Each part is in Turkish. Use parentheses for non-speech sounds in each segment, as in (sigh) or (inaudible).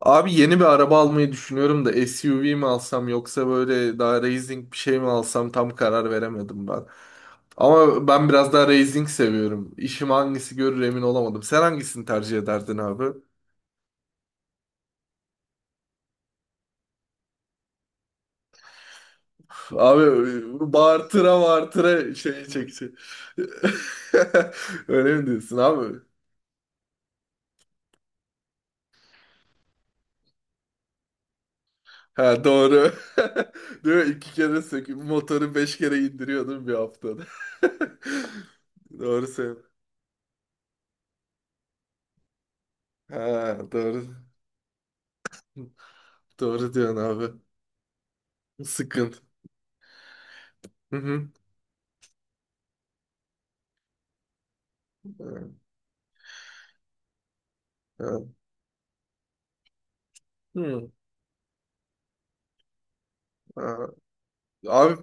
Abi yeni bir araba almayı düşünüyorum da SUV mi alsam yoksa böyle daha racing bir şey mi alsam tam karar veremedim ben. Ama ben biraz daha racing seviyorum. İşim hangisi görür emin olamadım. Sen hangisini tercih ederdin abi? Abi bağırtıra bağırtıra şey çekecek. (laughs) Öyle mi diyorsun abi? Ha, doğru. (laughs) Değil mi? İki kere söküp motoru beş kere indiriyordum bir haftada. (laughs) Doğru sen. Ha, doğru. Doğru diyorsun abi. Sıkıntı. Hı hı. Hı. Hı. Hı. Abi,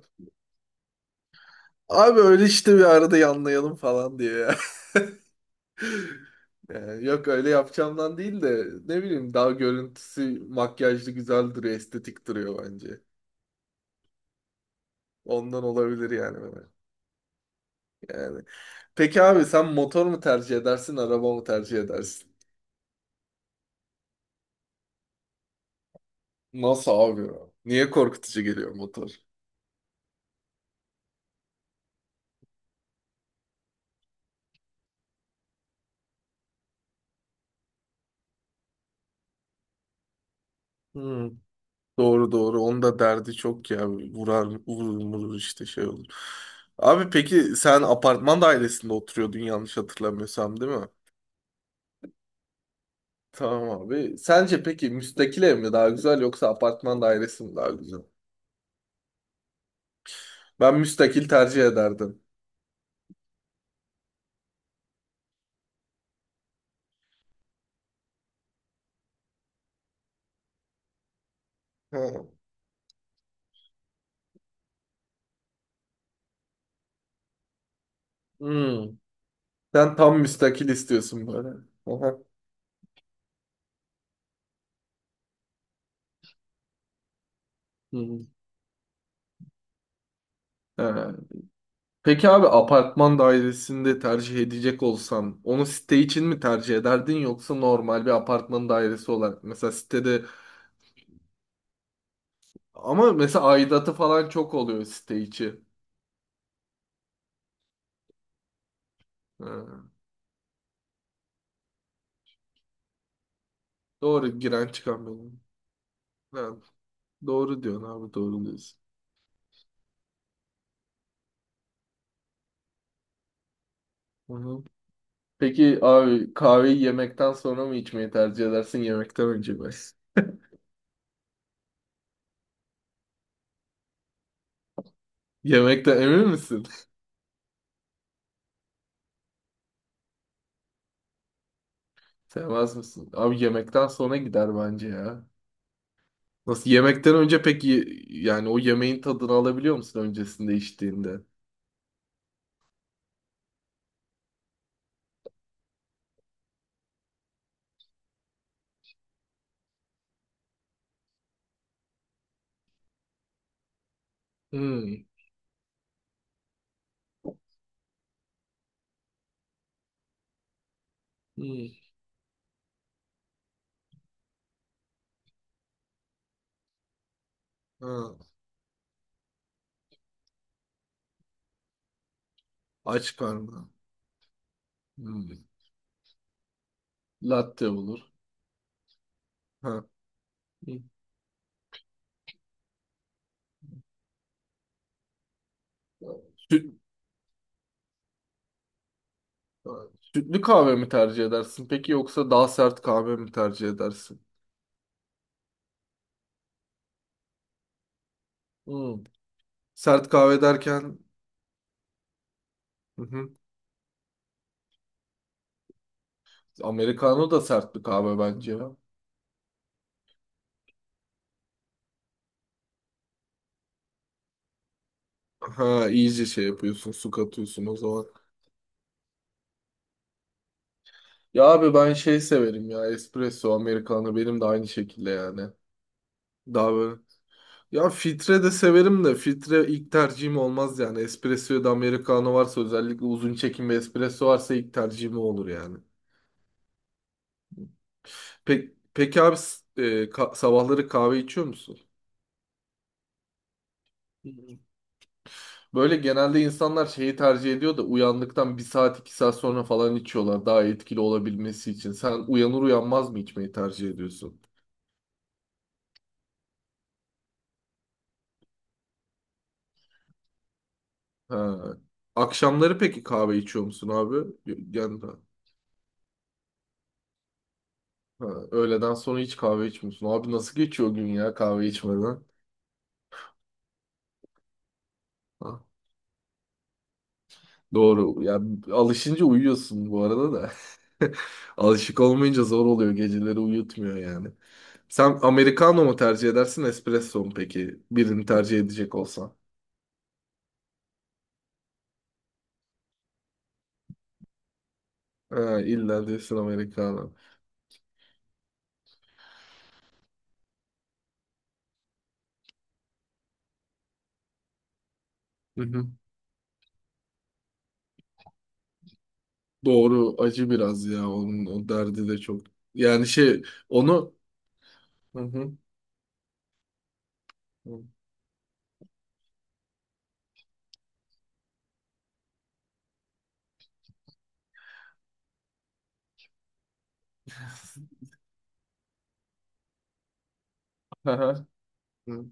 abi, öyle işte bir arada yanlayalım falan diyor ya. (laughs) Yani yok öyle yapacağımdan değil de ne bileyim daha görüntüsü makyajlı güzel duruyor, estetik duruyor bence. Ondan olabilir yani, böyle. Yani. Peki abi sen motor mu tercih edersin, araba mı tercih edersin? Nasıl abi ya? Niye korkutucu geliyor motor? Hmm, doğru doğru. Onun da derdi çok ya. Vurar, vurur, vurur işte şey olur. Abi peki sen apartman dairesinde oturuyordun yanlış hatırlamıyorsam, değil mi? Tamam abi. Sence peki müstakil ev mi daha güzel yoksa apartman dairesi mi daha güzel? Ben müstakil tercih ederdim. Hı. Hmm. Sen tam müstakil istiyorsun böyle. Aha. Hı, hı. Ha. Peki abi apartman dairesinde tercih edecek olsan onu site için mi tercih ederdin yoksa normal bir apartman dairesi olarak, mesela sitede ama mesela aidatı falan çok oluyor site içi. Ha. Doğru, giren çıkan benim. Ha. Doğru diyorsun abi, doğru diyorsun. Hı hı. Peki abi kahveyi yemekten sonra mı içmeyi tercih edersin yemekten önce mi? (laughs) Yemekten emin misin? Sevmez misin? Abi yemekten sonra gider bence ya. Nasıl yemekten önce peki, yani o yemeğin tadını alabiliyor musun öncesinde içtiğinde? Hmm. Hmm. Ha. Aç karnına. Hmm. Latte olur. Ha. Hmm. Süt, sütlü kahve mi tercih edersin peki yoksa daha sert kahve mi tercih edersin? Hmm. Sert kahve derken. Hı hı. Americano da sert bir kahve bence ya. Ha, iyice şey yapıyorsun, su katıyorsun o zaman. Ya abi ben şey severim ya, espresso, americano benim de aynı şekilde yani. Daha böyle. Ya filtre de severim de filtre ilk tercihim olmaz yani. Espresso ya da americano varsa, özellikle uzun çekim ve espresso varsa ilk tercihim o olur yani. Peki, abi sabahları kahve içiyor musun? Hı hı. Böyle genelde insanlar şeyi tercih ediyor da uyandıktan bir saat iki saat sonra falan içiyorlar daha etkili olabilmesi için. Sen uyanır uyanmaz mı içmeyi tercih ediyorsun? Ha. Akşamları peki kahve içiyor musun abi? Yani ha, öğleden sonra hiç kahve içmiyorsun. Abi nasıl geçiyor gün ya kahve içmeden? Ha, doğru. Ya alışınca uyuyorsun bu arada da. (laughs) Alışık olmayınca zor oluyor. Geceleri uyutmuyor yani. Sen americano mu tercih edersin, espresso mu peki? Birini tercih edecek olsan. Ha, illa diyorsun americano. Hı hı. Doğru. Acı biraz ya. Onun o derdi de çok. Yani şey, onu... Hı hı. Hı. (laughs) Hı hı. Hı.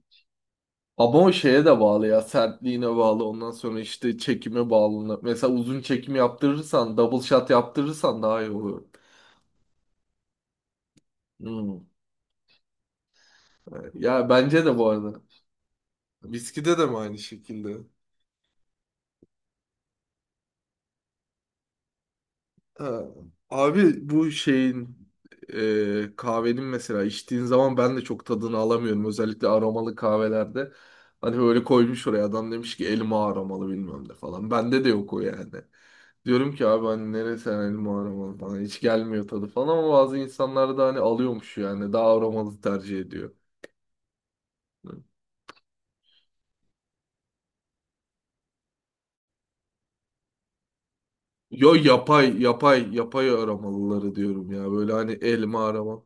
Ama o şeye de bağlı ya, sertliğine bağlı, ondan sonra işte çekime bağlı. Mesela uzun çekim yaptırırsan, double shot yaptırırsan daha iyi olur. Hmm. Ya bence de bu arada. Viskide de mi aynı şekilde? Ha. Abi bu şeyin, kahvenin mesela içtiğin zaman ben de çok tadını alamıyorum. Özellikle aromalı kahvelerde. Hani böyle koymuş oraya adam, demiş ki elma aromalı bilmem ne falan. Bende de yok o yani. Diyorum ki abi hani neresi, hani elma aromalı falan hiç gelmiyor tadı falan, ama bazı insanlar da hani alıyormuş yani, daha aromalı tercih ediyor. Hı. Yo, yapay yapay aromalıları diyorum ya böyle, hani elma aroma.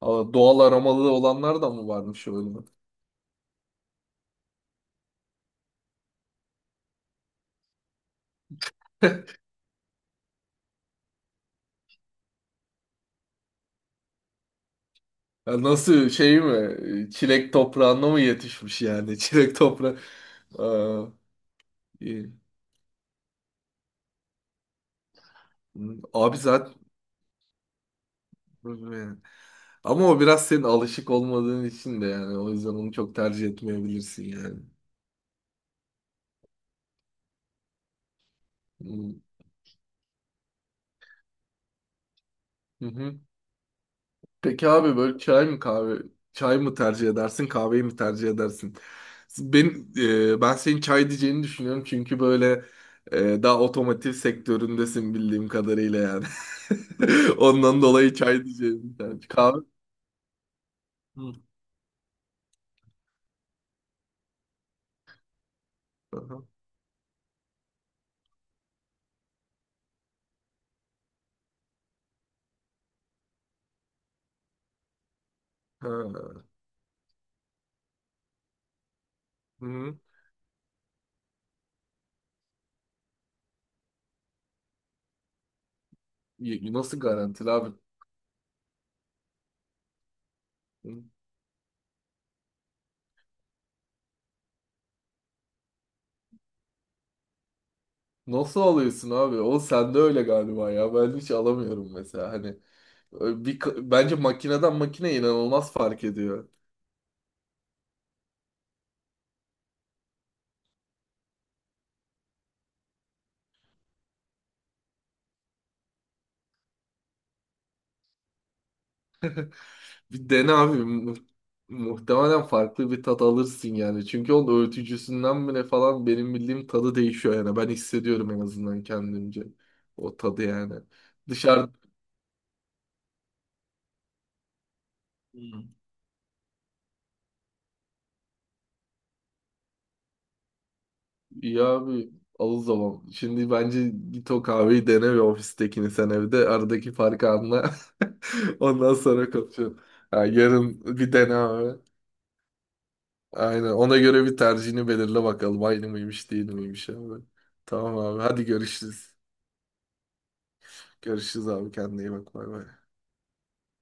Aa, doğal aromalı olanlar da mı varmış öyle? Ya nasıl, şey mi? Çilek toprağında mı yetişmiş yani? (laughs) Çilek toprağı. Aa, iyi. Hı. Abi zaten ama o biraz senin alışık olmadığın için de yani, o yüzden onu çok tercih etmeyebilirsin yani. Hı hı. Peki abi böyle çay mı tercih edersin kahveyi mi tercih edersin? Ben ben senin çay diyeceğini düşünüyorum, çünkü böyle daha otomotiv sektöründesin bildiğim kadarıyla yani. (laughs) Ondan dolayı çay diyeceğim. Yani kahve. Hı. Aha. Ha. Hı. Nasıl garantili abi? Hı. Nasıl alıyorsun abi? O sende öyle galiba ya. Ben hiç alamıyorum mesela. Hani bence makineden makine inanılmaz fark ediyor. Bir dene abi. Muhtemelen farklı bir tat alırsın yani. Çünkü onun öğütücüsünden mi ne falan, benim bildiğim tadı değişiyor yani. Ben hissediyorum en azından kendimce. O tadı yani. Dışarı. Hmm. İyi abi, al o zaman. Şimdi bence git o kahveyi dene ve ofistekini sen evde. Aradaki farkı anla. (laughs) Ondan sonra konuşalım. Ha, yarın bir dene abi. Aynen. Ona göre bir tercihini belirle bakalım. Aynı mıymış değil miymiş abi. Tamam abi. Hadi görüşürüz. Görüşürüz abi, kendine iyi bak, bay bay.